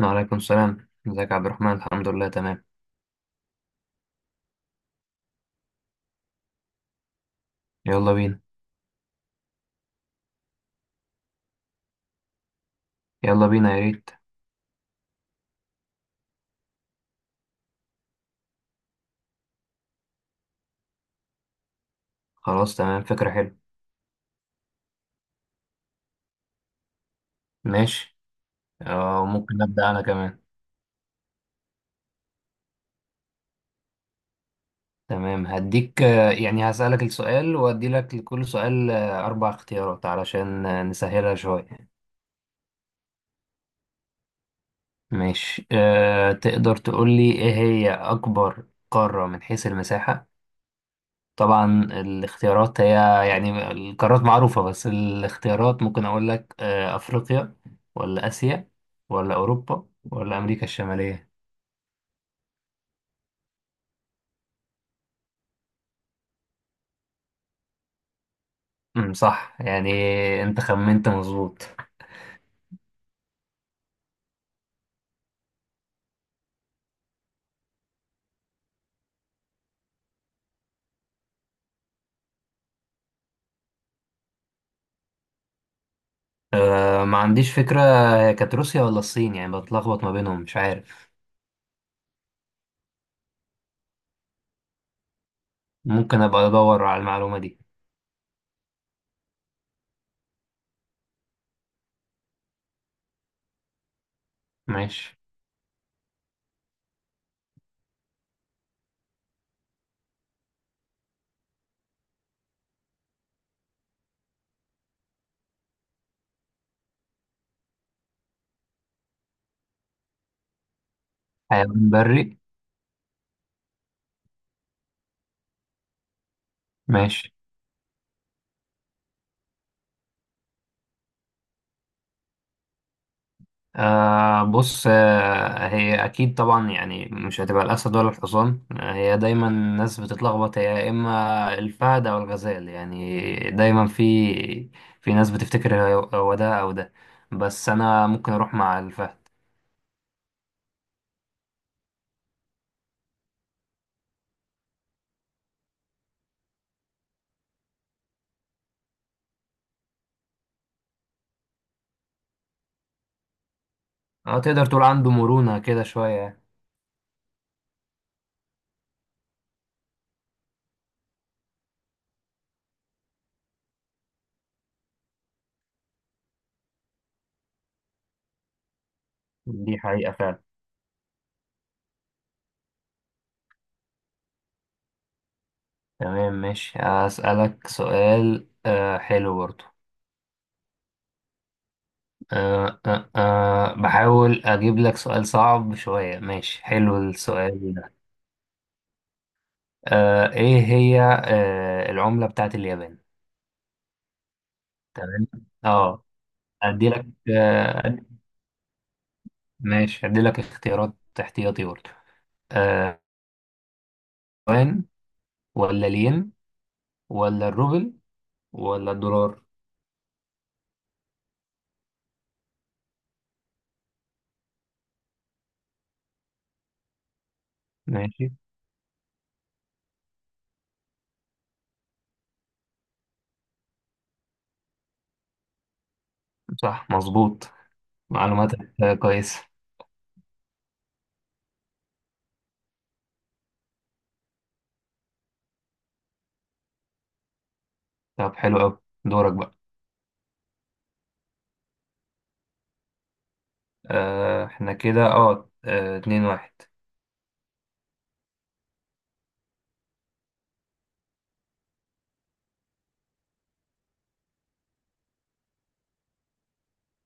وعليكم السلام، ازيك يا عبد الرحمن؟ الحمد لله تمام. يلا بينا. يلا بينا يا ريت. خلاص تمام، فكرة حلوة. ماشي. ممكن أبدأ أنا كمان. تمام هديك، يعني هسألك السؤال وأدي لك لكل سؤال أربع اختيارات علشان نسهلها شوية. ماشي. أه تقدر تقول لي إيه هي أكبر قارة من حيث المساحة؟ طبعا الاختيارات هي، يعني القارات معروفة، بس الاختيارات ممكن أقول لك أفريقيا ولا آسيا ولا أوروبا ولا أمريكا الشمالية؟ صح يعني، أنت خمنت مظبوط. أه ما عنديش فكرة، هي كانت روسيا ولا الصين؟ يعني بتلخبط ما بينهم، مش عارف. ممكن أبقى أدور على المعلومة دي. ماشي. حيوان بري؟ ماشي. بص، هي أكيد طبعا يعني مش هتبقى الأسد ولا الحصان. آه، هي دايما الناس بتتلخبط، هي يا إما الفهد أو الغزال، يعني دايما في ناس بتفتكر هو ده أو ده، بس أنا ممكن أروح مع الفهد. أه تقدر تقول عنده مرونة كده شوية. دي حقيقة فعلا. تمام ماشي. أسألك سؤال حلو برضه. بحاول أجيب لك سؤال صعب شوية. ماشي حلو السؤال ده. ايه هي العملة بتاعت اليابان؟ تمام. اه ادي لك ماشي، ادي لك اختيارات احتياطي برضه. آه، يوان ولا الين ولا الروبل ولا الدولار؟ ماشي. صح مظبوط، معلوماتك كويسة. طب حلو قوي. دورك بقى. احنا كده اتنين واحد.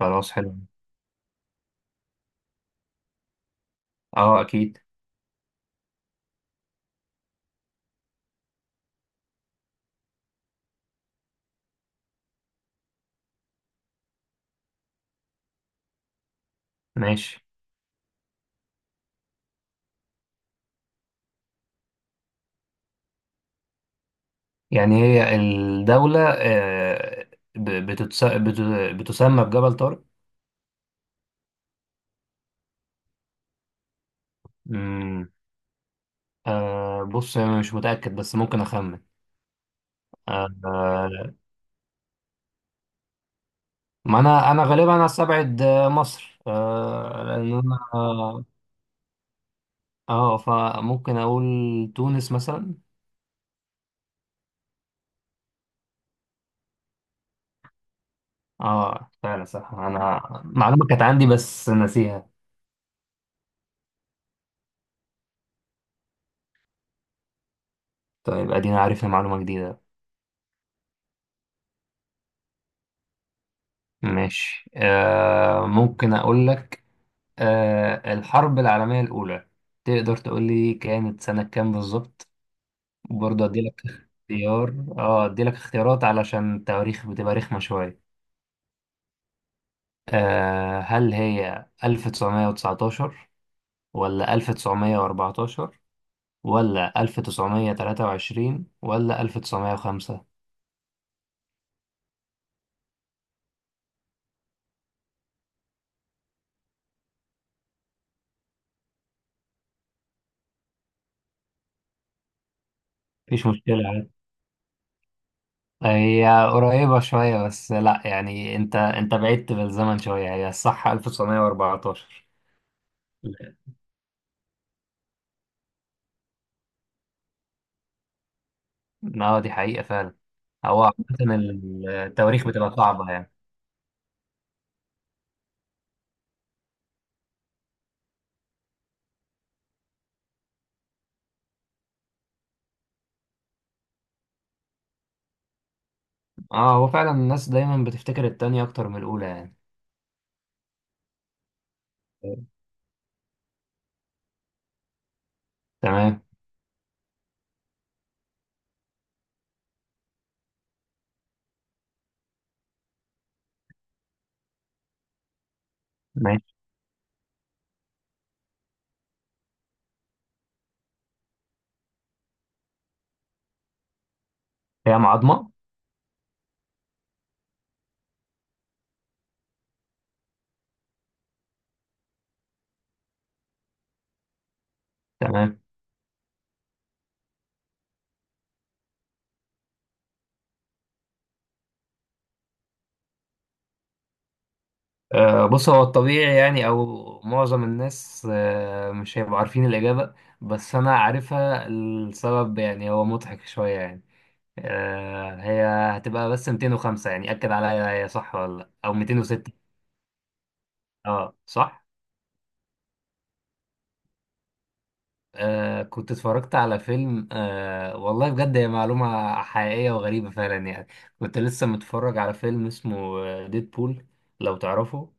خلاص حلو. اه اكيد. ماشي، يعني هي الدولة بتسمى بجبل طارق؟ امم بص انا مش متاكد بس ممكن اخمن. آه آه، ما انا غالبا استبعد مصر. آه لان انا اه آه، فممكن اقول تونس مثلا. اه فعلا صح، انا معلومه كانت عندي بس ناسيها. طيب ادينا عارفها، معلومه جديده. ماشي. ممكن اقول لك، الحرب العالميه الاولى تقدر تقول لي كانت سنه كام بالظبط؟ برضه ادي لك اختيار. اه ادي لك اختيارات علشان التواريخ بتبقى رخمة شوية. آه، هل هي 1919 ولا 1914 ولا 1923 ولا 1905؟ مفيش مشكلة عادي، هي قريبة شوية، بس لا يعني، انت بعدت بالزمن شوية. هي الصح 1914. اه دي حقيقة فعلا. هو عامة التواريخ بتبقى صعبة يعني. اه هو فعلا الناس دايما بتفتكر التانية اكتر من الاولى يعني. تمام. ماشي. هي معضمة؟ تمام. بص، هو الطبيعي يعني او معظم الناس مش هيبقوا عارفين الإجابة، بس أنا عارفها. السبب يعني هو مضحك شوية يعني. هي هتبقى بس 205 يعني، أكد عليا هي صح ولا لأ، أو 206؟ اه صح. كنت اتفرجت على فيلم، آه والله بجد هي معلومة حقيقية وغريبة فعلا يعني. كنت لسه متفرج على فيلم اسمه ديدبول، لو تعرفه.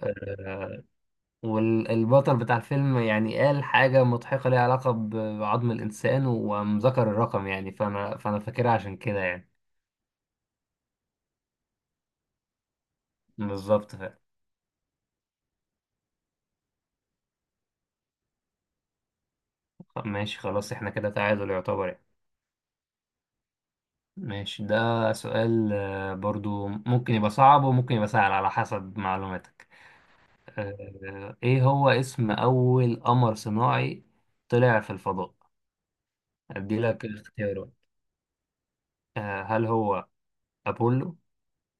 آه والبطل بتاع الفيلم يعني قال حاجة مضحكة ليها علاقة بعظم الإنسان، وقام ذكر الرقم يعني، فأنا فاكرها عشان كده يعني. بالظبط فعلا. ماشي خلاص، احنا كده تعادل يعتبر يعني. ماشي. ده سؤال برضو ممكن يبقى صعب وممكن يبقى سهل على حسب معلوماتك. ايه هو اسم اول قمر صناعي طلع في الفضاء؟ ادي لك اختيارات. آه، هل هو ابولو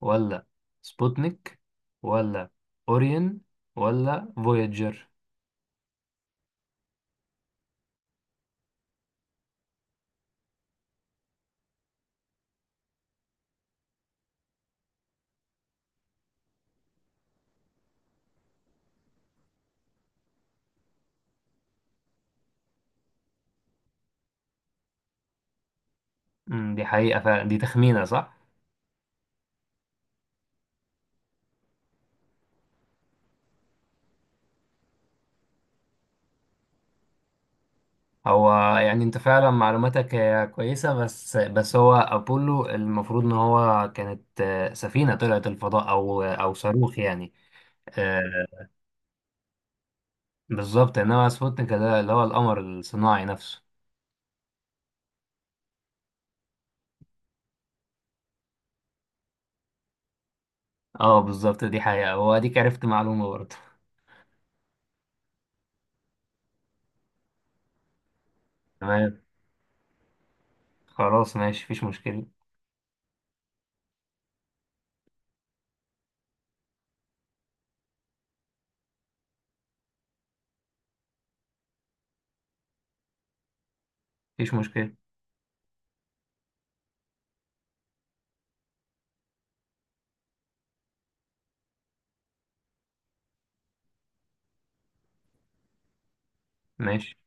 ولا سبوتنيك ولا اوريون ولا فوياجر؟ دي حقيقة فعلا، دي تخمينة صح. هو يعني انت فعلا معلوماتك هي كويسة، بس هو ابولو المفروض ان هو كانت سفينة طلعت الفضاء او صاروخ يعني. آه، بالظبط. انما سبوتنيك ده اللي هو القمر الصناعي نفسه. اه بالظبط، دي حقيقة، واديك عرفت معلومة برضه. تمام خلاص ماشي، مفيش مشكلة. مفيش مشكلة. ماشي.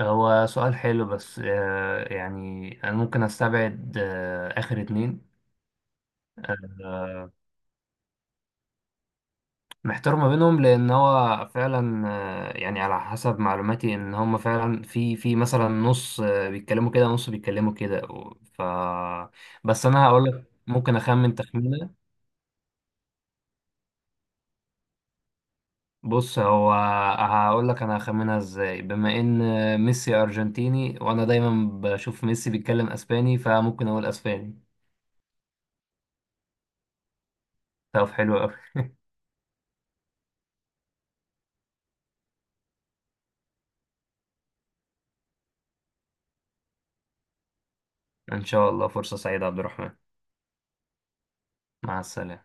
هو سؤال حلو بس يعني أنا ممكن أستبعد آخر اتنين. آه محتار ما بينهم، لأن هو فعلا يعني على حسب معلوماتي إن هما فعلا في مثلا نص بيتكلموا كده، نص بيتكلموا كده، و- ف بس أنا هقول لك ممكن أخمن تخمينة. بص هو، هقول لك انا هخمنها ازاي، بما ان ميسي ارجنتيني، وانا دايما بشوف ميسي بيتكلم اسباني، فممكن اقول اسباني. طب حلو قوي. ان شاء الله، فرصة سعيدة يا عبد الرحمن. مع السلامة.